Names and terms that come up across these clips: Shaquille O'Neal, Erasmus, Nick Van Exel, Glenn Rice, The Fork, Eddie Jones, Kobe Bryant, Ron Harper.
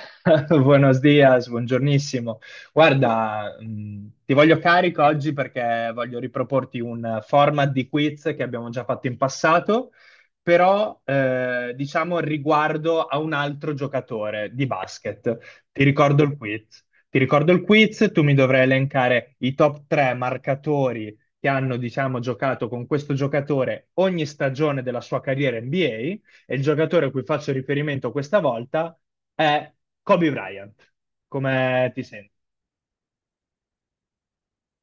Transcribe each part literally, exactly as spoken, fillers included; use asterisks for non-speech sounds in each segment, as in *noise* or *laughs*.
*laughs* Buenos dias, buongiornissimo. Guarda, mh, ti voglio carico oggi perché voglio riproporti un format di quiz che abbiamo già fatto in passato, però eh, diciamo riguardo a un altro giocatore di basket. Ti ricordo il quiz. Ti ricordo il quiz, tu mi dovrai elencare i top tre marcatori che hanno, diciamo, giocato con questo giocatore ogni stagione della sua carriera N B A e il giocatore a cui faccio riferimento questa volta è Kobe Bryant. Come ti senti?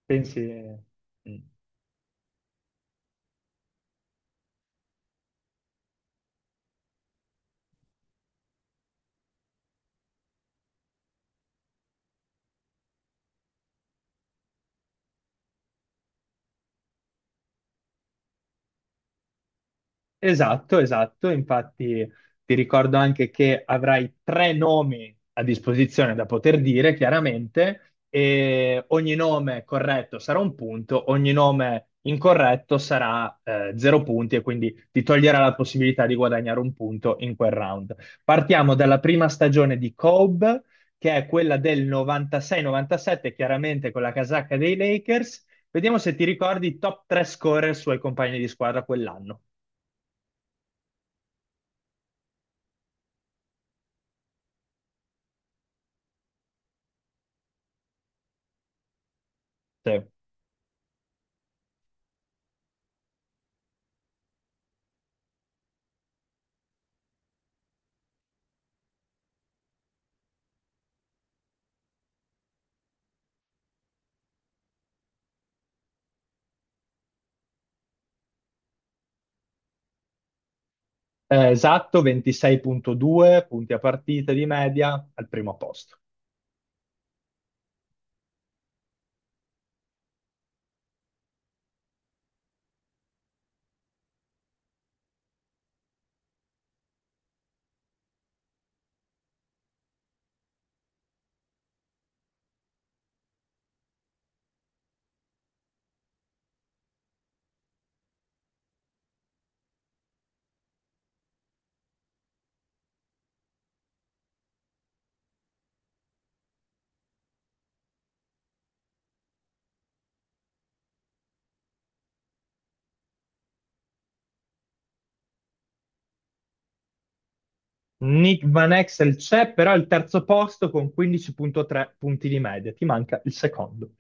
Pensi... Mm. Esatto, esatto. Infatti ti ricordo anche che avrai tre nomi a disposizione da poter dire, chiaramente, e ogni nome corretto sarà un punto, ogni nome incorretto sarà eh, zero punti e quindi ti toglierà la possibilità di guadagnare un punto in quel round. Partiamo dalla prima stagione di Cobb, che è quella del novantasei novantasette, chiaramente con la casacca dei Lakers. Vediamo se ti ricordi i top tre scorer suoi compagni di squadra quell'anno. Sì. Eh, esatto, ventisei virgola due punti a partita di media al primo posto. Nick Van Exel c'è, però è il terzo posto con quindici virgola tre punti di media, ti manca il secondo.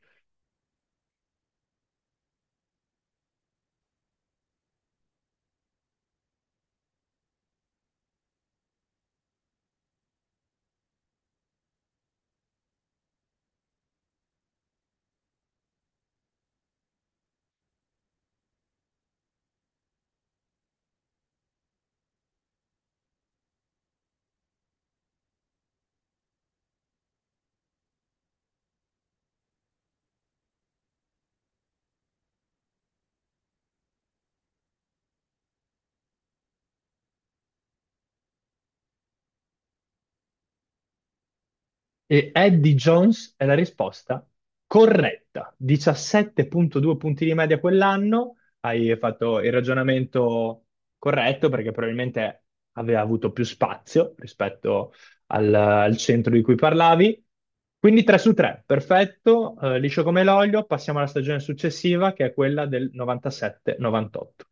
E Eddie Jones è la risposta corretta. diciassette virgola due punti di media quell'anno. Hai fatto il ragionamento corretto perché probabilmente aveva avuto più spazio rispetto al, al centro di cui parlavi. Quindi tre su tre, perfetto, eh, liscio come l'olio. Passiamo alla stagione successiva che è quella del novantasette novantotto.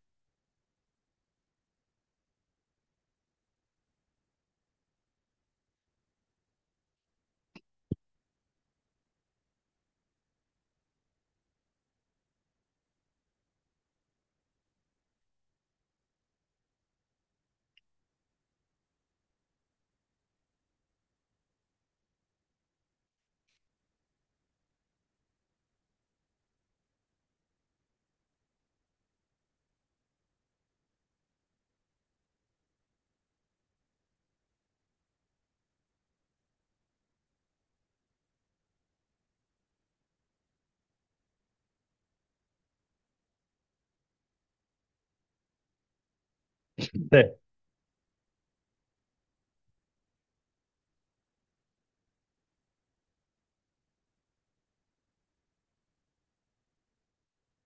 *laughs* Sì.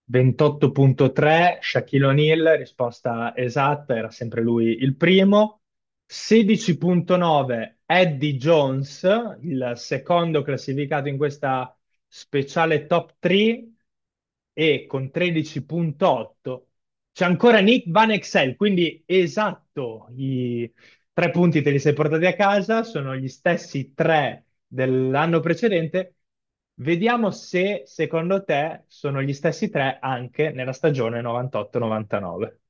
ventotto virgola tre, Shaquille O'Neal, risposta esatta, era sempre lui il primo. sedici virgola nove, Eddie Jones, il secondo classificato in questa speciale top tre e con tredici virgola otto c'è ancora Nick Van Exel, quindi esatto. I tre punti te li sei portati a casa, sono gli stessi tre dell'anno precedente. Vediamo se secondo te sono gli stessi tre anche nella stagione novantotto novantanove.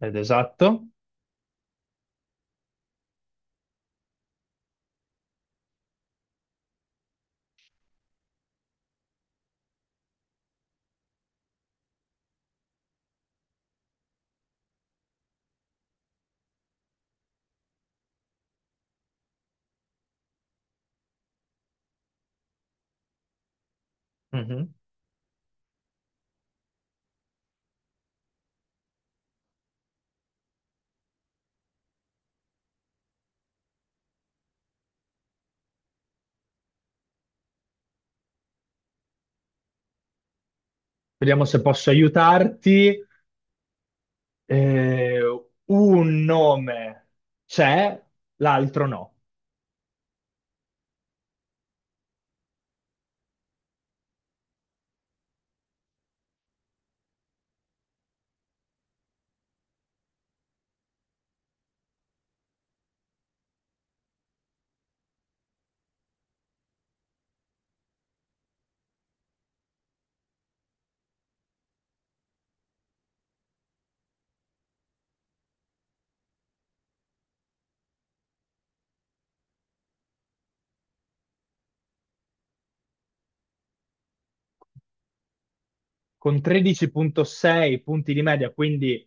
Ed esatto. Mhm. Vediamo se posso aiutarti. Eh, un nome c'è, l'altro no. Con tredici virgola sei punti di media, quindi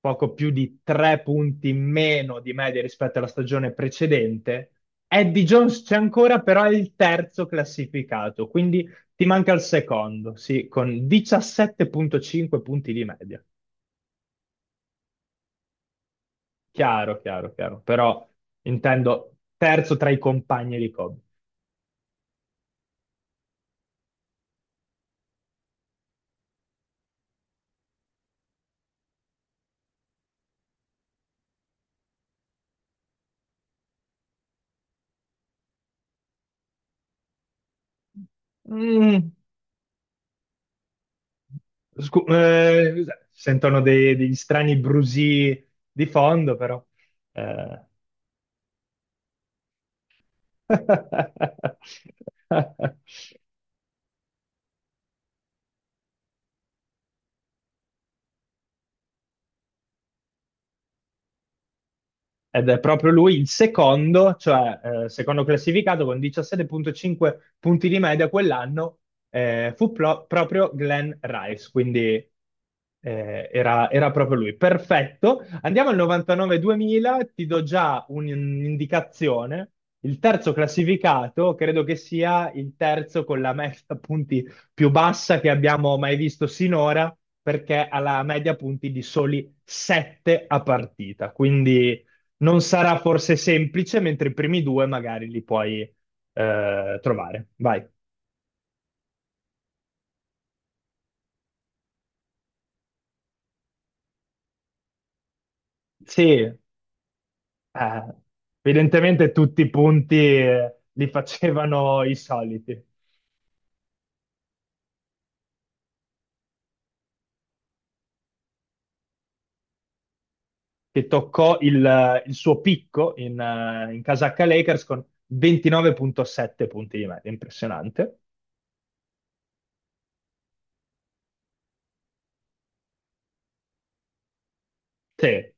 poco più di tre punti in meno di media rispetto alla stagione precedente. Eddie Jones c'è ancora, però è il terzo classificato, quindi ti manca il secondo, sì, con diciassette virgola cinque punti di media. Chiaro, chiaro, chiaro, però intendo terzo tra i compagni di Kobe. Mm, scu- eh, sentono dei- degli strani brusì di fondo, però. Eh, Eh, Ed è proprio lui il secondo, cioè eh, secondo classificato con diciassette virgola cinque punti di media quell'anno, eh, fu pro- proprio Glenn Rice, quindi eh, era, era proprio lui. Perfetto. Andiamo al novantanove-duemila, ti do già un- un'indicazione. Il terzo classificato credo che sia il terzo con la media punti più bassa che abbiamo mai visto sinora, perché ha la media punti di soli sette a partita, quindi non sarà forse semplice, mentre i primi due magari li puoi eh, trovare. Vai. Sì, eh, evidentemente tutti i punti eh, li facevano i soliti, che toccò il, il suo picco in, eh, in casacca Lakers con ventinove virgola sette punti di media, impressionante. Sì,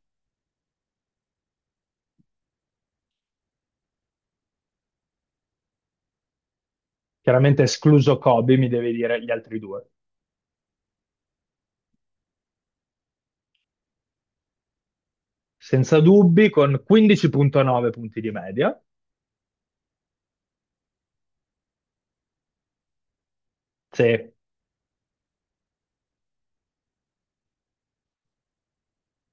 chiaramente escluso Kobe, mi devi dire gli altri due. Senza dubbi, con quindici virgola nove punti di media. Sì,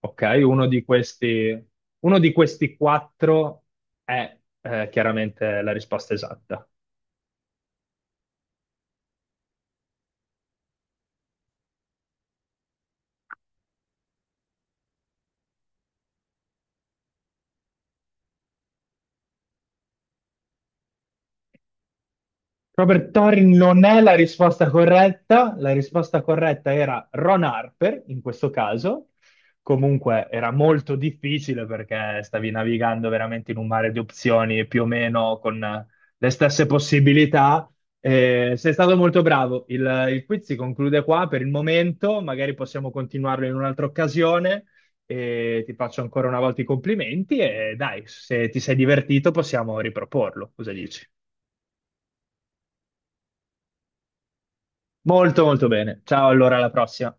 ok, uno di questi, uno di questi quattro è eh, chiaramente la risposta esatta. Robert Torrin non è la risposta corretta, la risposta corretta era Ron Harper in questo caso. Comunque era molto difficile perché stavi navigando veramente in un mare di opzioni più o meno con eh, le stesse possibilità. Eh, sei stato molto bravo. Il, il quiz si conclude qua per il momento, magari possiamo continuarlo in un'altra occasione. E ti faccio ancora una volta i complimenti e dai, se ti sei divertito possiamo riproporlo. Cosa dici? Molto molto bene. Ciao, allora alla prossima.